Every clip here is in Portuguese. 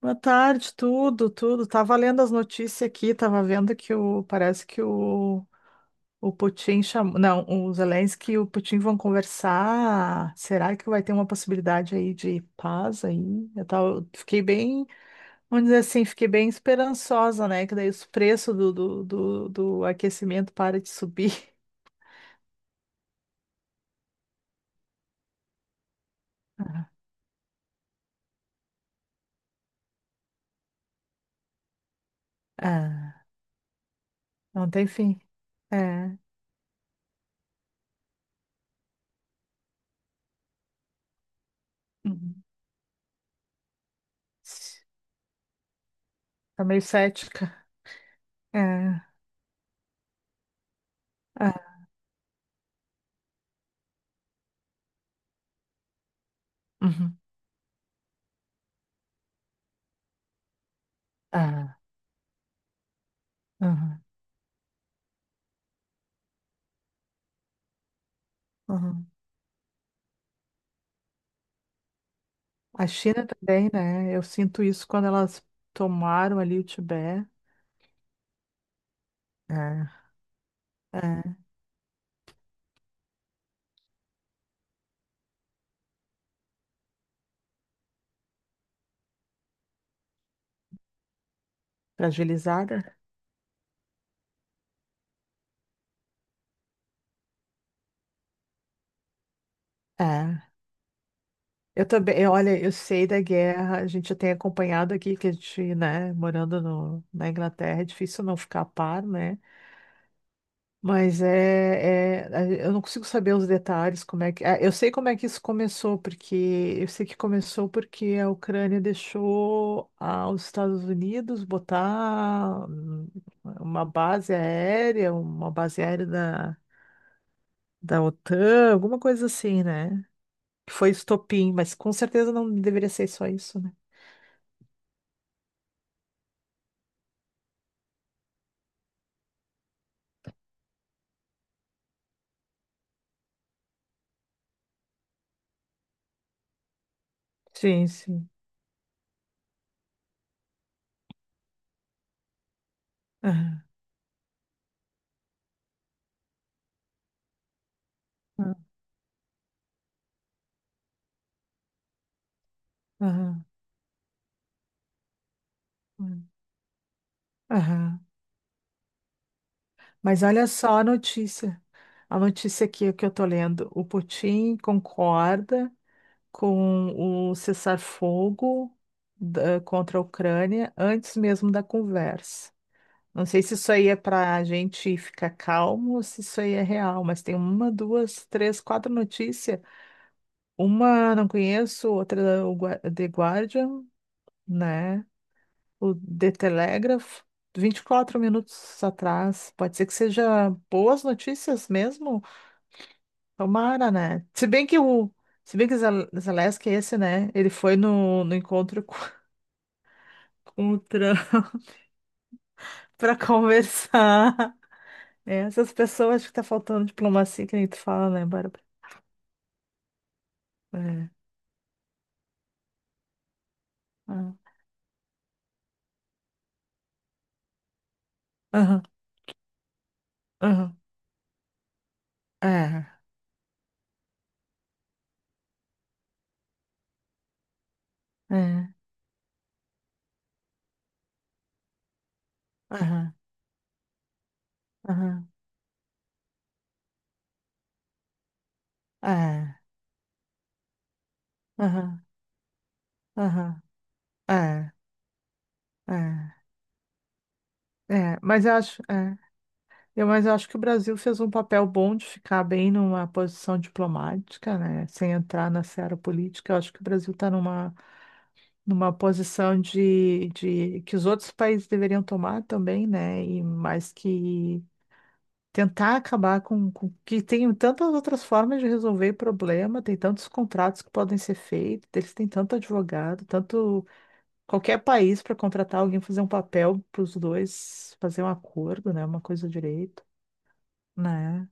Boa tarde, tudo. Tava lendo as notícias aqui, tava vendo que o parece que o Putin chamou, não, o Zelensky e o Putin vão conversar. Será que vai ter uma possibilidade aí de paz aí? Fiquei bem, vamos dizer assim, fiquei bem esperançosa, né? Que daí os preços do aquecimento para de subir. Ah, não tem fim. É. Uhum. Tá meio cética. É. Ah, uhum. Ah, uhum. Uhum. A China também, né? Eu sinto isso quando elas tomaram ali o Tibete. É, é, fragilizada. É. Eu também, olha, eu sei da guerra, a gente já tem acompanhado aqui que a gente, né, morando no, na Inglaterra, é difícil não ficar a par, né? Mas eu não consigo saber os detalhes, como é que eu sei como é que isso começou, porque eu sei que começou porque a Ucrânia deixou os Estados Unidos botar uma base aérea da OTAN, alguma coisa assim, né? Que foi estopim, mas com certeza não deveria ser só isso, né? Sim, sim. Aham, aham, aham. Mas olha só a notícia. A notícia aqui é que eu tô lendo. O Putin concorda com o cessar-fogo contra a Ucrânia antes mesmo da conversa. Não sei se isso aí é para a gente ficar calmo ou se isso aí é real, mas tem uma, duas, três, quatro notícias. Uma não conheço, outra o The Guardian, né? O The Telegraph. 24 minutos atrás. Pode ser que seja boas notícias mesmo? Tomara, né? Se bem que o Zelensky, esse, né? Ele foi no encontro com com o Trump pra conversar. É, essas pessoas acho que tá faltando diplomacia, que nem tu fala, né, Bárbara? É. Ah, aham, aham. É. É. Aham, aham. É. Aham, aham. É. É. É. Mas eu acho que o Brasil fez um papel bom de ficar bem numa posição diplomática, né? Sem entrar na seara política. Eu acho que o Brasil está numa posição de que os outros países deveriam tomar também, né? E mais que tentar acabar com que tem tantas outras formas de resolver problema, tem tantos contratos que podem ser feitos, eles têm tanto advogado, tanto qualquer país para contratar alguém fazer um papel para os dois, fazer um acordo, né? Uma coisa direito, né?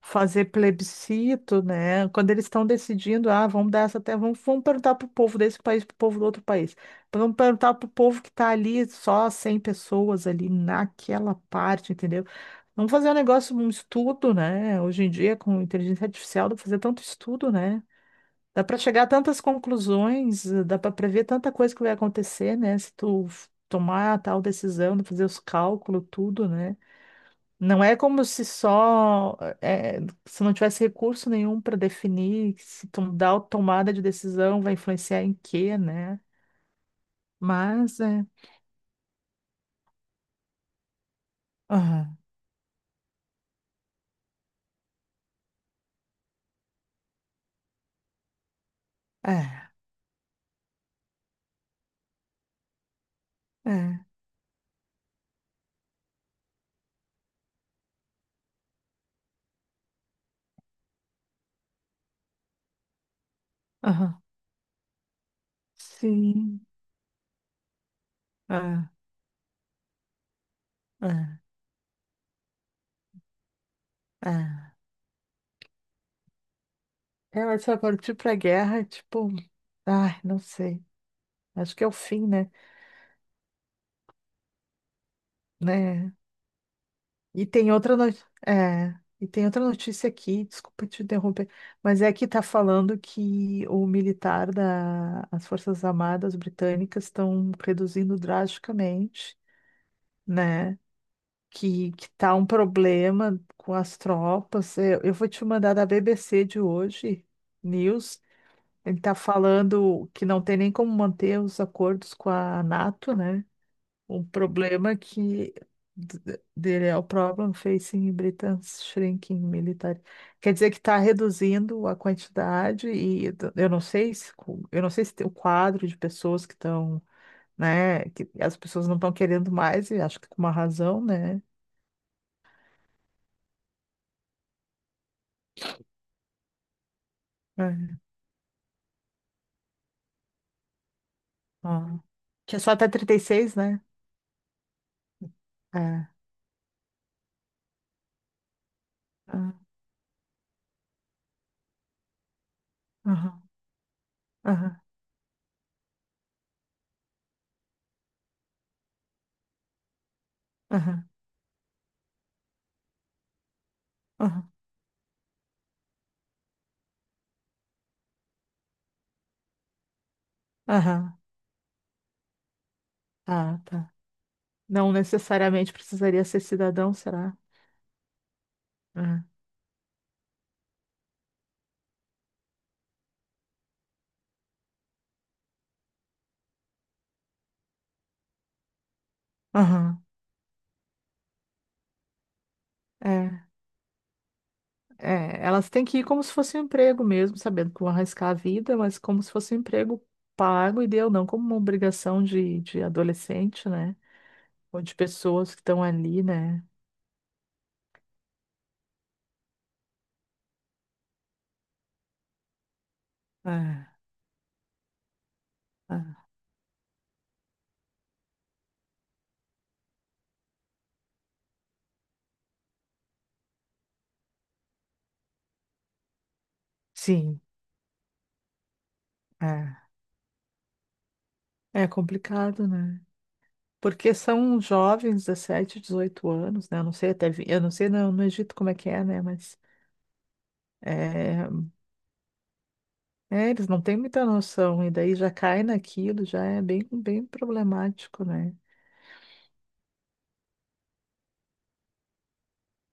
Fazer plebiscito, né? Quando eles estão decidindo, ah, vamos dar essa terra, vamos perguntar para o povo desse país, para o povo do outro país. Vamos perguntar para o povo que está ali, só 100 pessoas ali naquela parte, entendeu? Vamos fazer um negócio, um estudo, né? Hoje em dia, com inteligência artificial, dá para fazer tanto estudo, né? Dá para chegar a tantas conclusões, dá para prever tanta coisa que vai acontecer, né? Se tomar a tal decisão, fazer os cálculos, tudo, né? Não é como se só eh, eh, se não tivesse recurso nenhum para definir se tu dá a tomada de decisão vai influenciar em quê, né? Mas é, aham, é, é, aham, sim, é, é, é. É, mas se eu partir para guerra, é tipo, ai, não sei. Acho que é o fim, né? Né? E tem outra no... é, E tem outra notícia aqui, desculpa te interromper, mas é que está falando que o militar da as Forças Armadas Britânicas estão reduzindo drasticamente, né? Que tá um problema com as tropas. Eu vou te mandar da BBC de hoje, News. Ele está falando que não tem nem como manter os acordos com a NATO, né? Um problema que dele é o problem facing Britain's shrinking military. Quer dizer que está reduzindo a quantidade e eu não sei se co- eu não sei se tem o quadro de pessoas que estão, né, que as pessoas não estão querendo mais e acho que com uma razão, né? É. Ah. Que é só até 36 né? É. Ah, aham, aham, aham, aham, aham. Ah, tá. Não necessariamente precisaria ser cidadão, será? É. Aham, é. É, elas têm que ir como se fosse um emprego mesmo, sabendo que vão arriscar a vida, mas como se fosse um emprego pago e deu, não como uma obrigação de adolescente, né? Ou de pessoas que estão ali, né? É, é. Sim, é. É complicado, né? Porque são jovens, 17, 18 anos, né? Eu não sei eu não sei não, no Egito como é que é, né? Mas é, é, eles não têm muita noção e daí já cai naquilo, já é bem, bem problemático, né?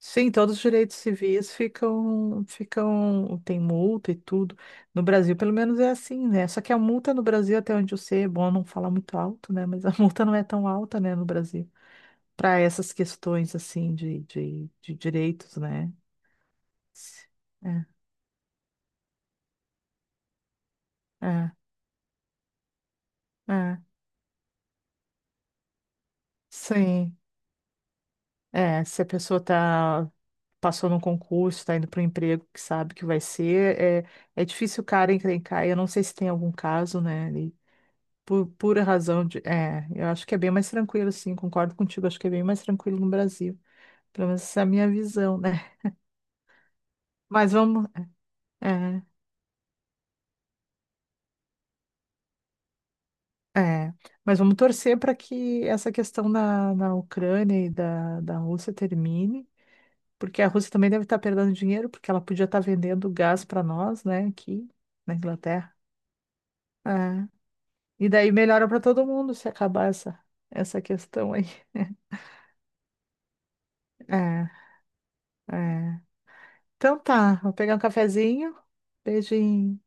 Sim, todos os direitos civis ficam, tem multa e tudo. No Brasil, pelo menos é assim, né? Só que a multa no Brasil, até onde eu sei, é bom não falar muito alto, né? Mas a multa não é tão alta, né, no Brasil, para essas questões assim de direitos, né? É, é, é. Sim. É, se a pessoa passou num concurso, está indo para um emprego que sabe que vai ser, é difícil o cara encrencar. Eu não sei se tem algum caso, né? Por pura razão de. É, eu acho que é bem mais tranquilo, sim, concordo contigo, acho que é bem mais tranquilo no Brasil. Pelo menos essa é a minha visão, né? Mas vamos. É, é, mas vamos torcer para que essa questão na Ucrânia e da Rússia termine, porque a Rússia também deve estar perdendo dinheiro, porque ela podia estar vendendo gás para nós, né, aqui na Inglaterra. É. E daí melhora para todo mundo se acabar essa questão aí. É, é. Então tá, vou pegar um cafezinho. Beijinho.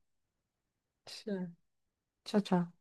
是，ciao ciao。